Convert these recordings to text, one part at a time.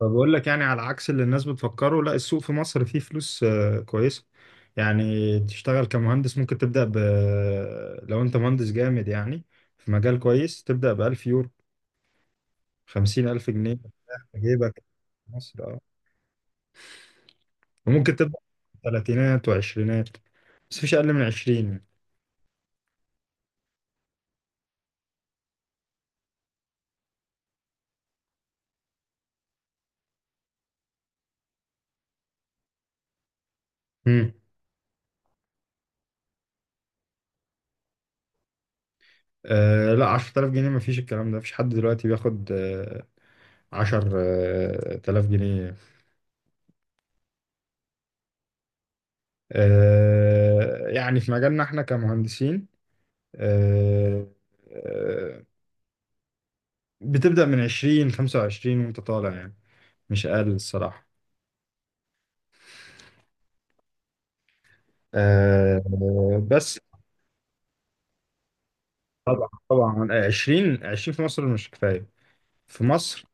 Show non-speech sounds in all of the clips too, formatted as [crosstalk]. فبقول لك يعني على عكس اللي الناس بتفكره، لا، السوق في مصر فيه فلوس كويسة. يعني تشتغل كمهندس ممكن تبدأ لو انت مهندس جامد يعني، في مجال كويس تبدأ ب1000 يورو. 50,000 جنيه مرتاح في جيبك. في مصر اه. وممكن تبدأ تلاتينات وعشرينات، بس مفيش أقل من عشرين. مم. آه لا، 10,000 جنيه مفيش. الكلام ده مفيش حد دلوقتي بياخد عشر تلاف جنيه. آه يعني في مجالنا احنا كمهندسين، آه، آه، بتبدأ من 20 25 وانت طالع يعني. مش اقل الصراحة. آه، بس طبعا طبعا، 20 20 في مصر مش كفاية. في مصر،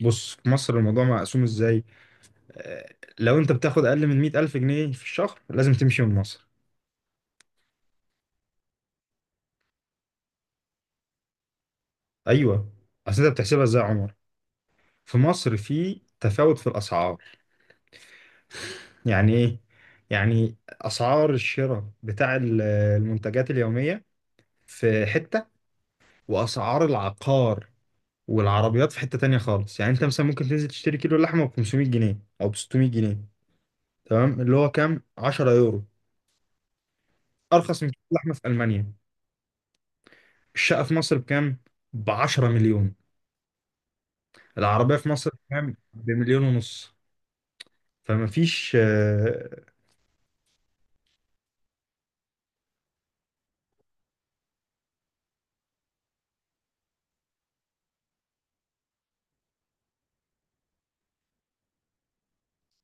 بص، في مصر الموضوع مقسوم ازاي؟ لو انت بتاخد اقل من 100 الف جنيه في الشهر لازم تمشي من مصر. ايوه. اصل انت بتحسبها ازاي يا عمر؟ في مصر في تفاوت في الاسعار. يعني ايه؟ يعني اسعار الشراء بتاع المنتجات اليومية في حتة، واسعار العقار والعربيات في حتة تانية خالص. يعني انت مثلا ممكن تنزل تشتري كيلو لحمة ب 500 جنيه او ب 600 جنيه، تمام؟ اللي هو كام، 10 يورو؟ ارخص من كيلو لحمة في المانيا. الشقة في مصر بكام؟ ب 10 مليون. العربية في مصر بكام؟ بمليون ونص. فما فيش.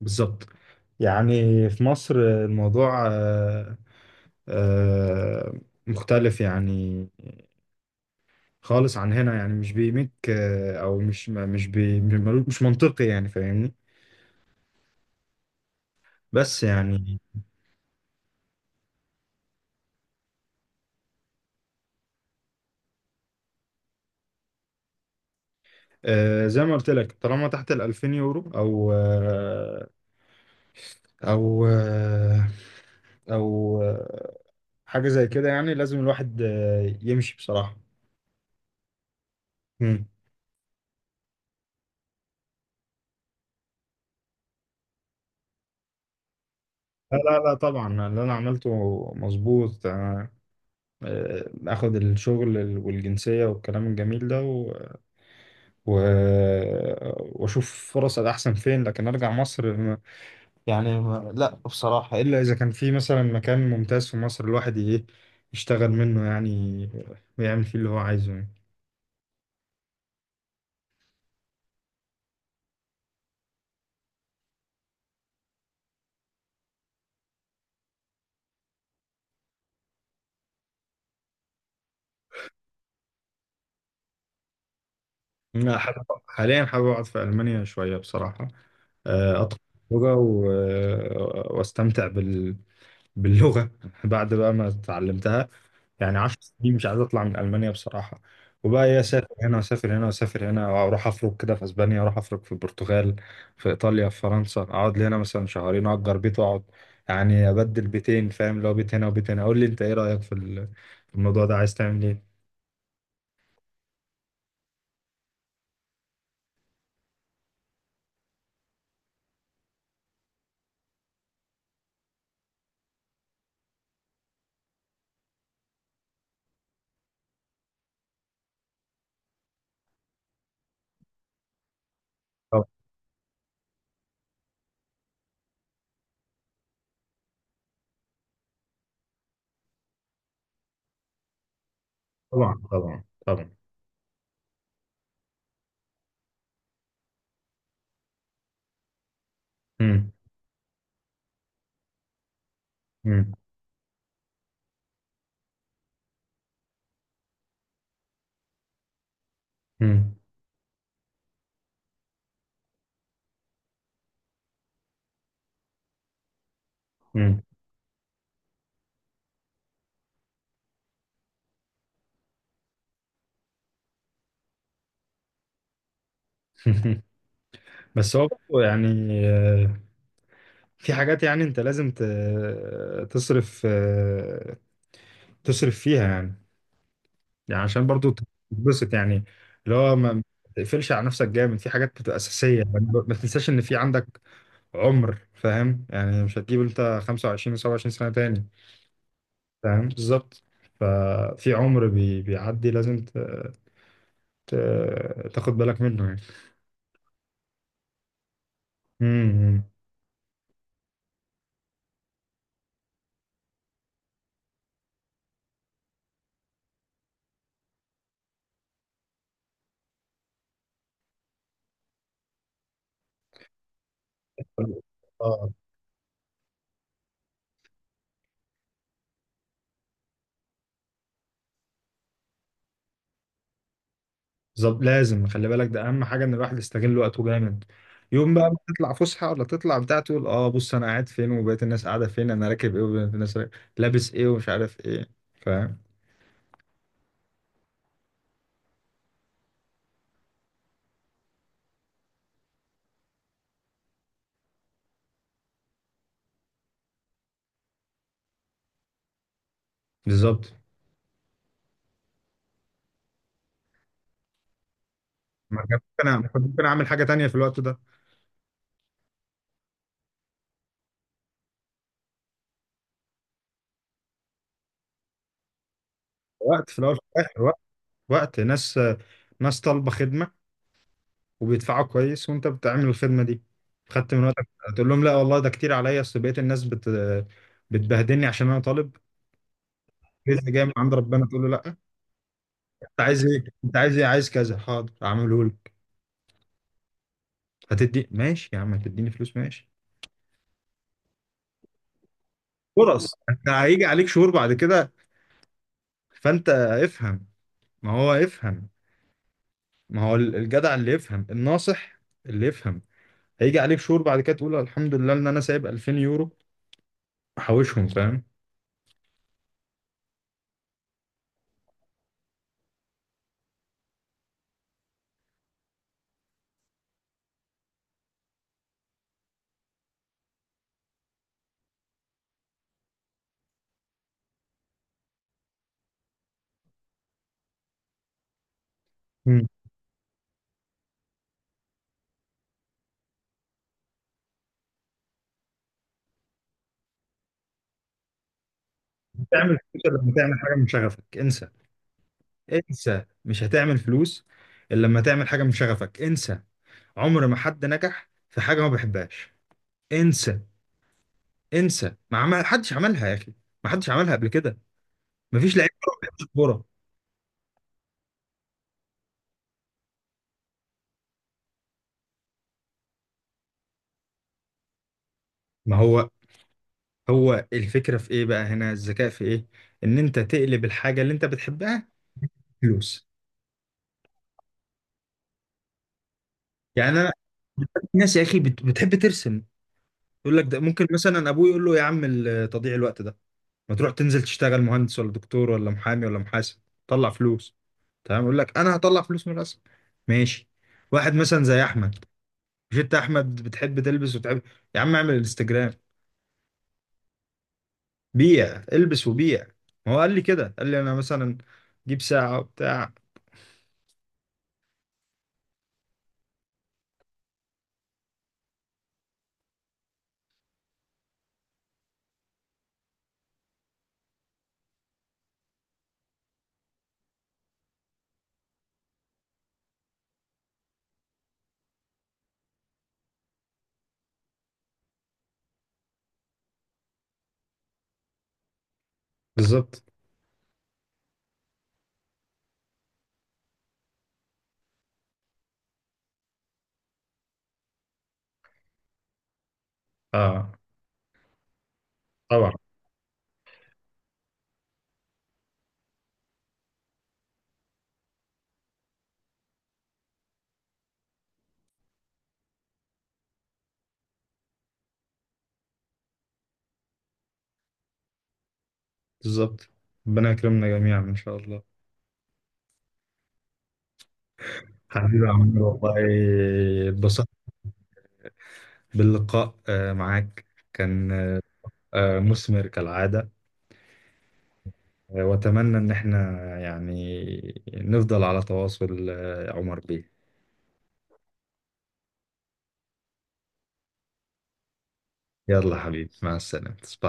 بالظبط. يعني في مصر الموضوع آه، مختلف يعني، خالص عن هنا. يعني مش بيمك آه، او مش مش بي مش منطقي يعني، فاهمني؟ بس يعني زي ما قلت لك، طالما تحت ال 2000 يورو او آه او آه او آه حاجه زي كده، يعني لازم الواحد يمشي بصراحه. مم. لا لا لا، طبعا اللي انا عملته مظبوط. اخد الشغل والجنسيه والكلام الجميل ده و... و... آه، واشوف فرص احسن فين، لكن ارجع مصر؟ يعني ما لا بصراحة، إلا إذا كان في مثلا مكان ممتاز في مصر الواحد إيه، يشتغل منه يعني، ويعمل فيه اللي هو عايزه يعني. أنا حابب حاليا، حابب أقعد في ألمانيا شوية بصراحة. أطلع لغة و... آه، وأستمتع باللغة [laughs] بعد بقى ما اتعلمتها. يعني 10 سنين مش عايز اطلع من المانيا بصراحه. وبقى ايه، اسافر هنا واسافر هنا واسافر هنا، اروح افرق كده في اسبانيا، اروح افرق في البرتغال، في ايطاليا، في فرنسا. اقعد لي هنا مثلا شهرين، اجر بيت واقعد. يعني ابدل بيتين، فاهم؟ اللي هو بيت هنا وبيت هنا. قول لي انت ايه رايك في في الموضوع ده، عايز تعمل ايه؟ طبعا طبعا طبعا طبعا. مم. مم. مم. مم. [laughs] بس هو برضه يعني، آه، في حاجات يعني انت لازم تصرف فيها يعني، يعني عشان برضو تتبسط يعني، اللي هو ما تقفلش على نفسك جامد في حاجات بتبقى أساسية يعني. ما تنساش إن في عندك عمر، فاهم يعني؟ مش هتجيب أنت 25 و27 سنة تاني. فاهم بالظبط. ففي عمر بيعدي، لازم ت... تاخد بالك منه يعني. امم. امم. آه. بالظبط، لازم خلي بالك. ده اهم حاجه، ان الواحد يستغل وقته جامد. يوم بقى ما تطلع فسحه، ولا تطلع بتاع، تقول اه بص، انا قاعد فين وبقيت الناس قاعده فين، انا راكب ايه وبقيت الناس راكب، لابس ايه ومش عارف ايه. فاهم بالظبط. ما كان ممكن كنت ممكن اعمل حاجه تانية في الوقت ده. وقت، في الاول وفي الاخر وقت. وقت ناس، ناس طالبه خدمه وبيدفعوا كويس وانت بتعمل الخدمه دي، خدت من وقتك. تقول لهم لا والله، ده كتير عليا، اصل بقيت الناس بتبهدلني عشان انا طالب. رزق جاي من عند ربنا تقول له لا؟ انت عايز ايه؟ انت عايز ايه؟ عايز كذا، حاضر اعمله لك. هتدي؟ ماشي يا عم. هتديني فلوس؟ ماشي. فرص. انت هيجي عليك شهور بعد كده، فانت افهم. ما هو افهم، ما هو الجدع اللي يفهم الناصح، اللي يفهم. هيجي عليك شهور بعد كده تقول الحمد لله ان انا سايب 2000 يورو، محوشهم، فاهم؟ مم. تعمل فلوس إلا لما تعمل حاجه من شغفك؟ انسى. انسى، مش هتعمل فلوس الا لما تعمل حاجه من شغفك. انسى. عمر ما حد نجح في حاجه ما بيحبهاش. انسى. انسى، ما عمل حدش عملها يا اخي، ما حدش عملها قبل كده. ما فيش لعيب كوره ما بيلعبش كوره. ما هو، هو الفكره في ايه بقى هنا، الذكاء في ايه؟ ان انت تقلب الحاجه اللي انت بتحبها فلوس. يعني انا، ناس يا اخي بتحب ترسم، يقول لك ده ممكن، مثلا ابوه يقول له يا عم تضييع الوقت ده، ما تروح تنزل تشتغل مهندس ولا دكتور ولا محامي ولا محاسب، طلع فلوس. تمام؟ يقول لك انا هطلع فلوس من الرسم. ماشي. واحد مثلا زي احمد، مش انت احمد بتحب تلبس وتحب؟ يا عم اعمل انستجرام، بيع البس وبيع. ما هو قال لي كده، قال لي انا مثلا جيب ساعة وبتاع. بالظبط. اه طبعا. بالظبط. ربنا يكرمنا جميعا ان شاء الله. حبيبي يا عمرو والله، اتبسطت باللقاء معاك. كان مثمر كالعادة. واتمنى ان احنا يعني نفضل على تواصل، يا عمر بيه. يلا حبيبي، مع السلامة.